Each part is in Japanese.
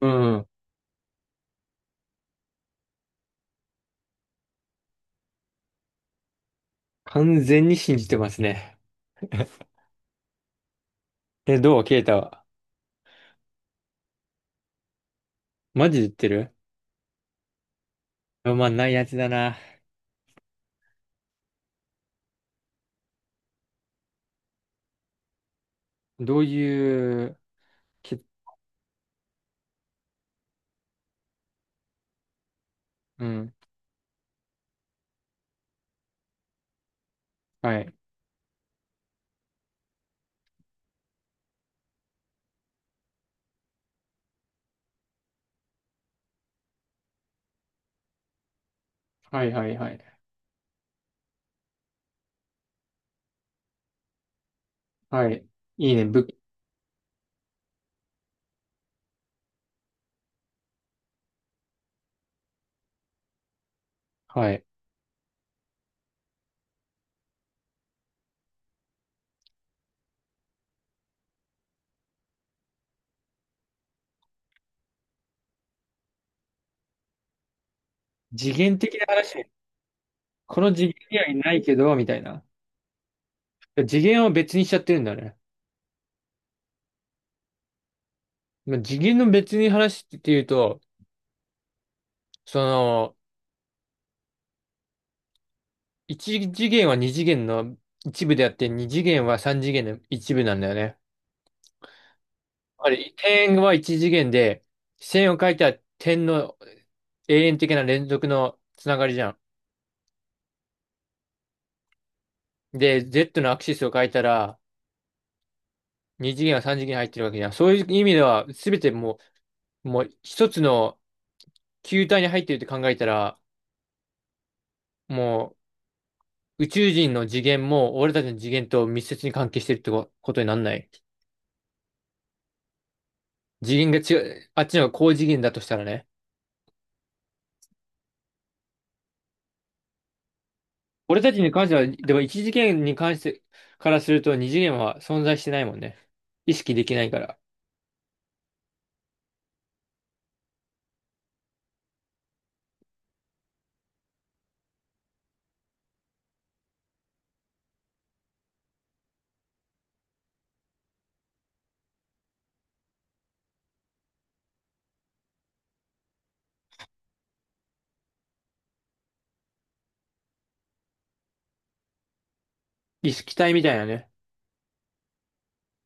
うん。完全に信じてますね。え、どうケイタはマジで言ってる？まあまあ、ないやつだな。どういう、け、うん。はい。はいはいはい。はい。いいね。はい。次元的な話。この次元にはいないけど、みたいな。次元を別にしちゃってるんだね。まあ、次元の別に話っていうと、その、一次元は二次元の一部であって、二次元は三次元の一部なんだよね。あれ、点は一次元で、線を書いたら点の永遠的な連続のつながりじゃん。で、Z のアクシスを書いたら、二次元は三次元に入ってるわけじゃん。そういう意味では、すべてももう一つの球体に入ってるって考えたら、もう宇宙人の次元も俺たちの次元と密接に関係してるってこことになんない？次元が違う、あっちの方が高次元だとしたらね。俺たちに関しては、でも一次元に関してからすると二次元は存在してないもんね。意識できないから。意識体みたいなね。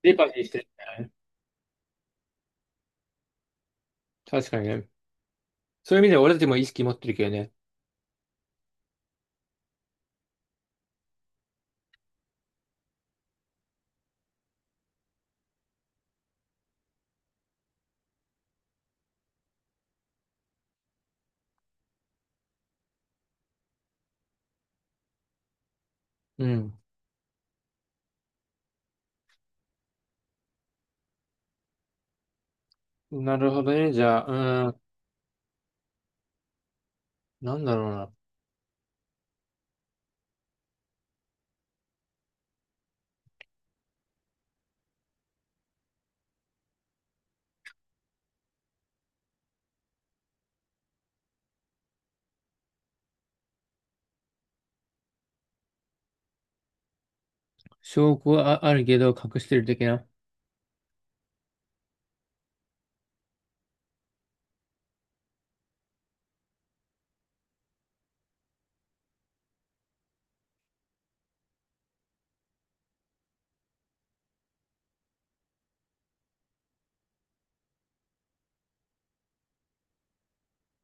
デパティしてるみたいなね。確かにね。そういう意味では俺たちも意識持ってるけどね。うん。なるほどね。じゃあ、うん。なんだろうな。証拠はああるけど隠してる的な。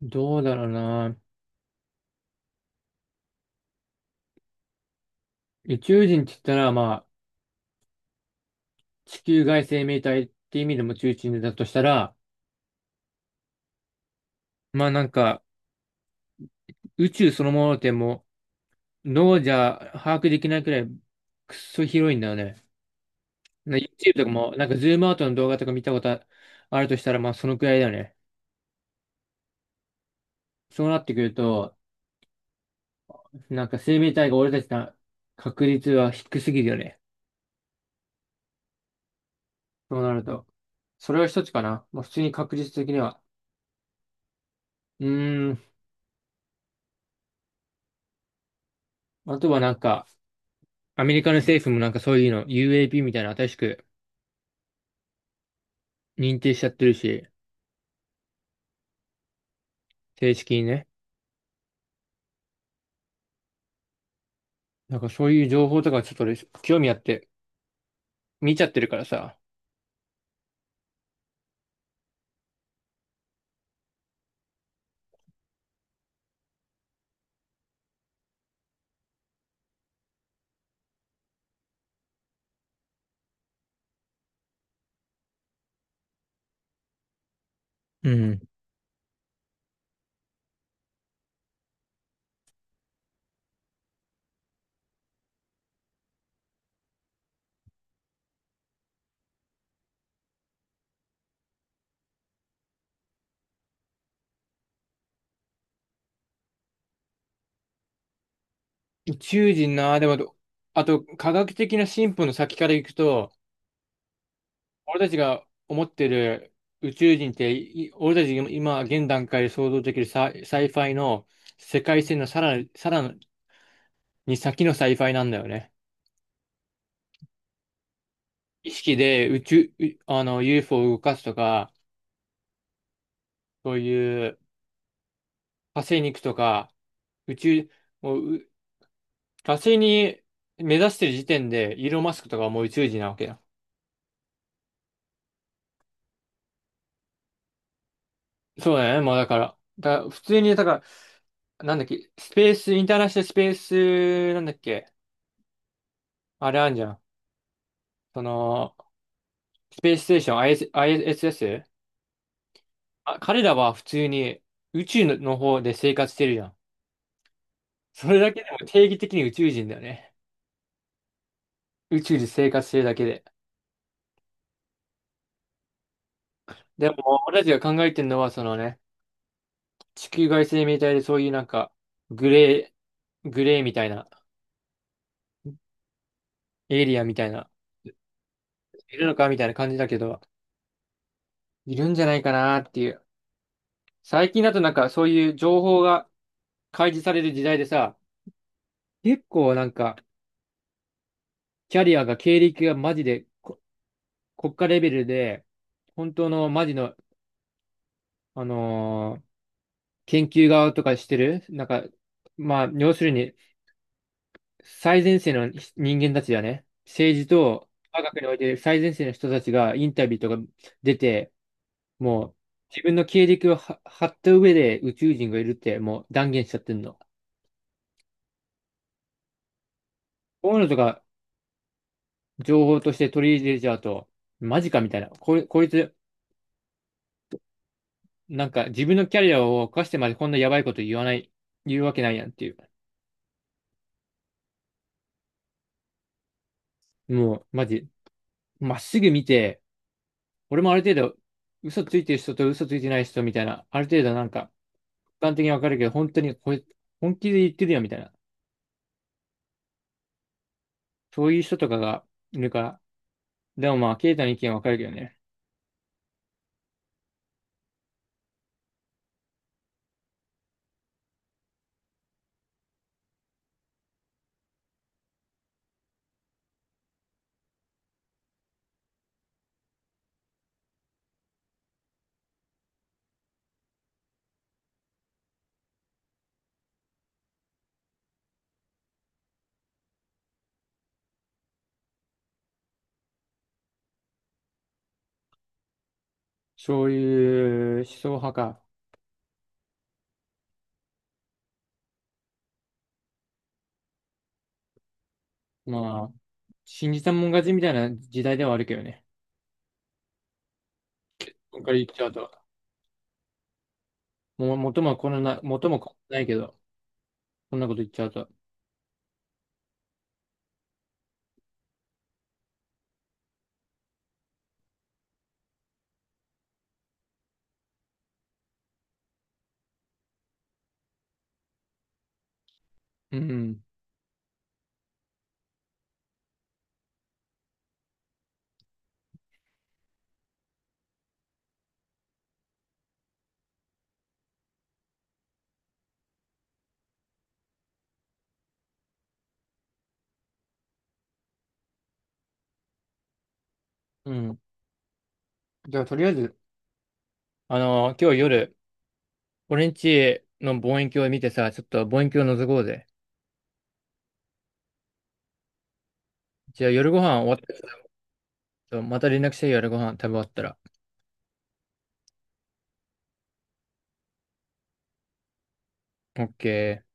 どうだろうな。宇宙人って言ったら、まあ、地球外生命体って意味でも宇宙人だとしたら、まあなんか、宇宙そのものってもう、脳じゃ把握できないくらい、くっそ広いんだよね。な YouTube とかも、なんかズームアウトの動画とか見たことあるとしたら、まあそのくらいだよね。そうなってくると、なんか生命体が俺たちの確率は低すぎるよね、そうなると。それは一つかな、もう普通に確率的には。うーん。あとはなんか、アメリカの政府もなんかそういうの、UAP みたいなの新しく認定しちゃってるし、正式にね。なんかそういう情報とかちょっと俺興味あって見ちゃってるからさ。うん。宇宙人な、でもど、あと科学的な進歩の先から行くと、俺たちが思ってる宇宙人って、俺たちが今現段階で想像できるサイファイの世界線のさらに先のサイファイなんだよね。意識で宇宙、うあの UFO を動かすとか、そういう火星に行くとか、宇宙、もうう火星に目指してる時点でイーロン・マスクとかはもう宇宙人なわけよ。そうだよね、もうだから。だから普通に、だから、なんだっけ、スペース、インターナショナルスペース、なんだっけ、あれあんじゃん。その、スペースステーション、IS、アイエス s ス、あ、彼らは普通に宇宙の方で生活してるじゃん。それだけでも定義的に宇宙人だよね。宇宙で生活してるだけで。でも、俺たちが考えてるのは、そのね、地球外生命体でそういうなんか、グレグレーみたいな、エイリアンみたいな、いるのかみたいな感じだけど、いるんじゃないかなっていう。最近だとなんかそういう情報が開示される時代でさ、結構なんか、キャリアが経歴がマジで国家レベルで、本当のマジの、あのー研究側とかしてる、なんか、まあ、要するに最前線の人間たちだね。政治と科学において最前線の人たちがインタビューとか出て、もう自分の経歴をは張った上で宇宙人がいるってもう断言しちゃってんの。こういうのとか情報として取り入れちゃうと、マジかみたいな。こいつ、なんか自分のキャリアを犯してまでこんなやばいこと言わない、言うわけないやんっていう。もう、マジ、まっすぐ見て、俺もある程度、嘘ついてる人と嘘ついてない人みたいな、ある程度なんか、一般的にわかるけど、本当にこれ、本気で言ってるよみたいな、そういう人とかがいるから、でもまあ、ケイタの意見わかるけどね。そういう思想派か。まあ、信じたもん勝ちみたいな時代ではあるけどね、これから言っちゃうと、もう元もこのな、元もこのないけど、こんなこと言っちゃうと。うん、うん。じゃあ、とりあえず、あの今日夜、俺んちの望遠鏡見てさ、ちょっと望遠鏡覗こうぜ。じゃあ夜ご飯終わったら、ちょっとまた連絡してよ、夜ご飯食べ終わったら。オッケー。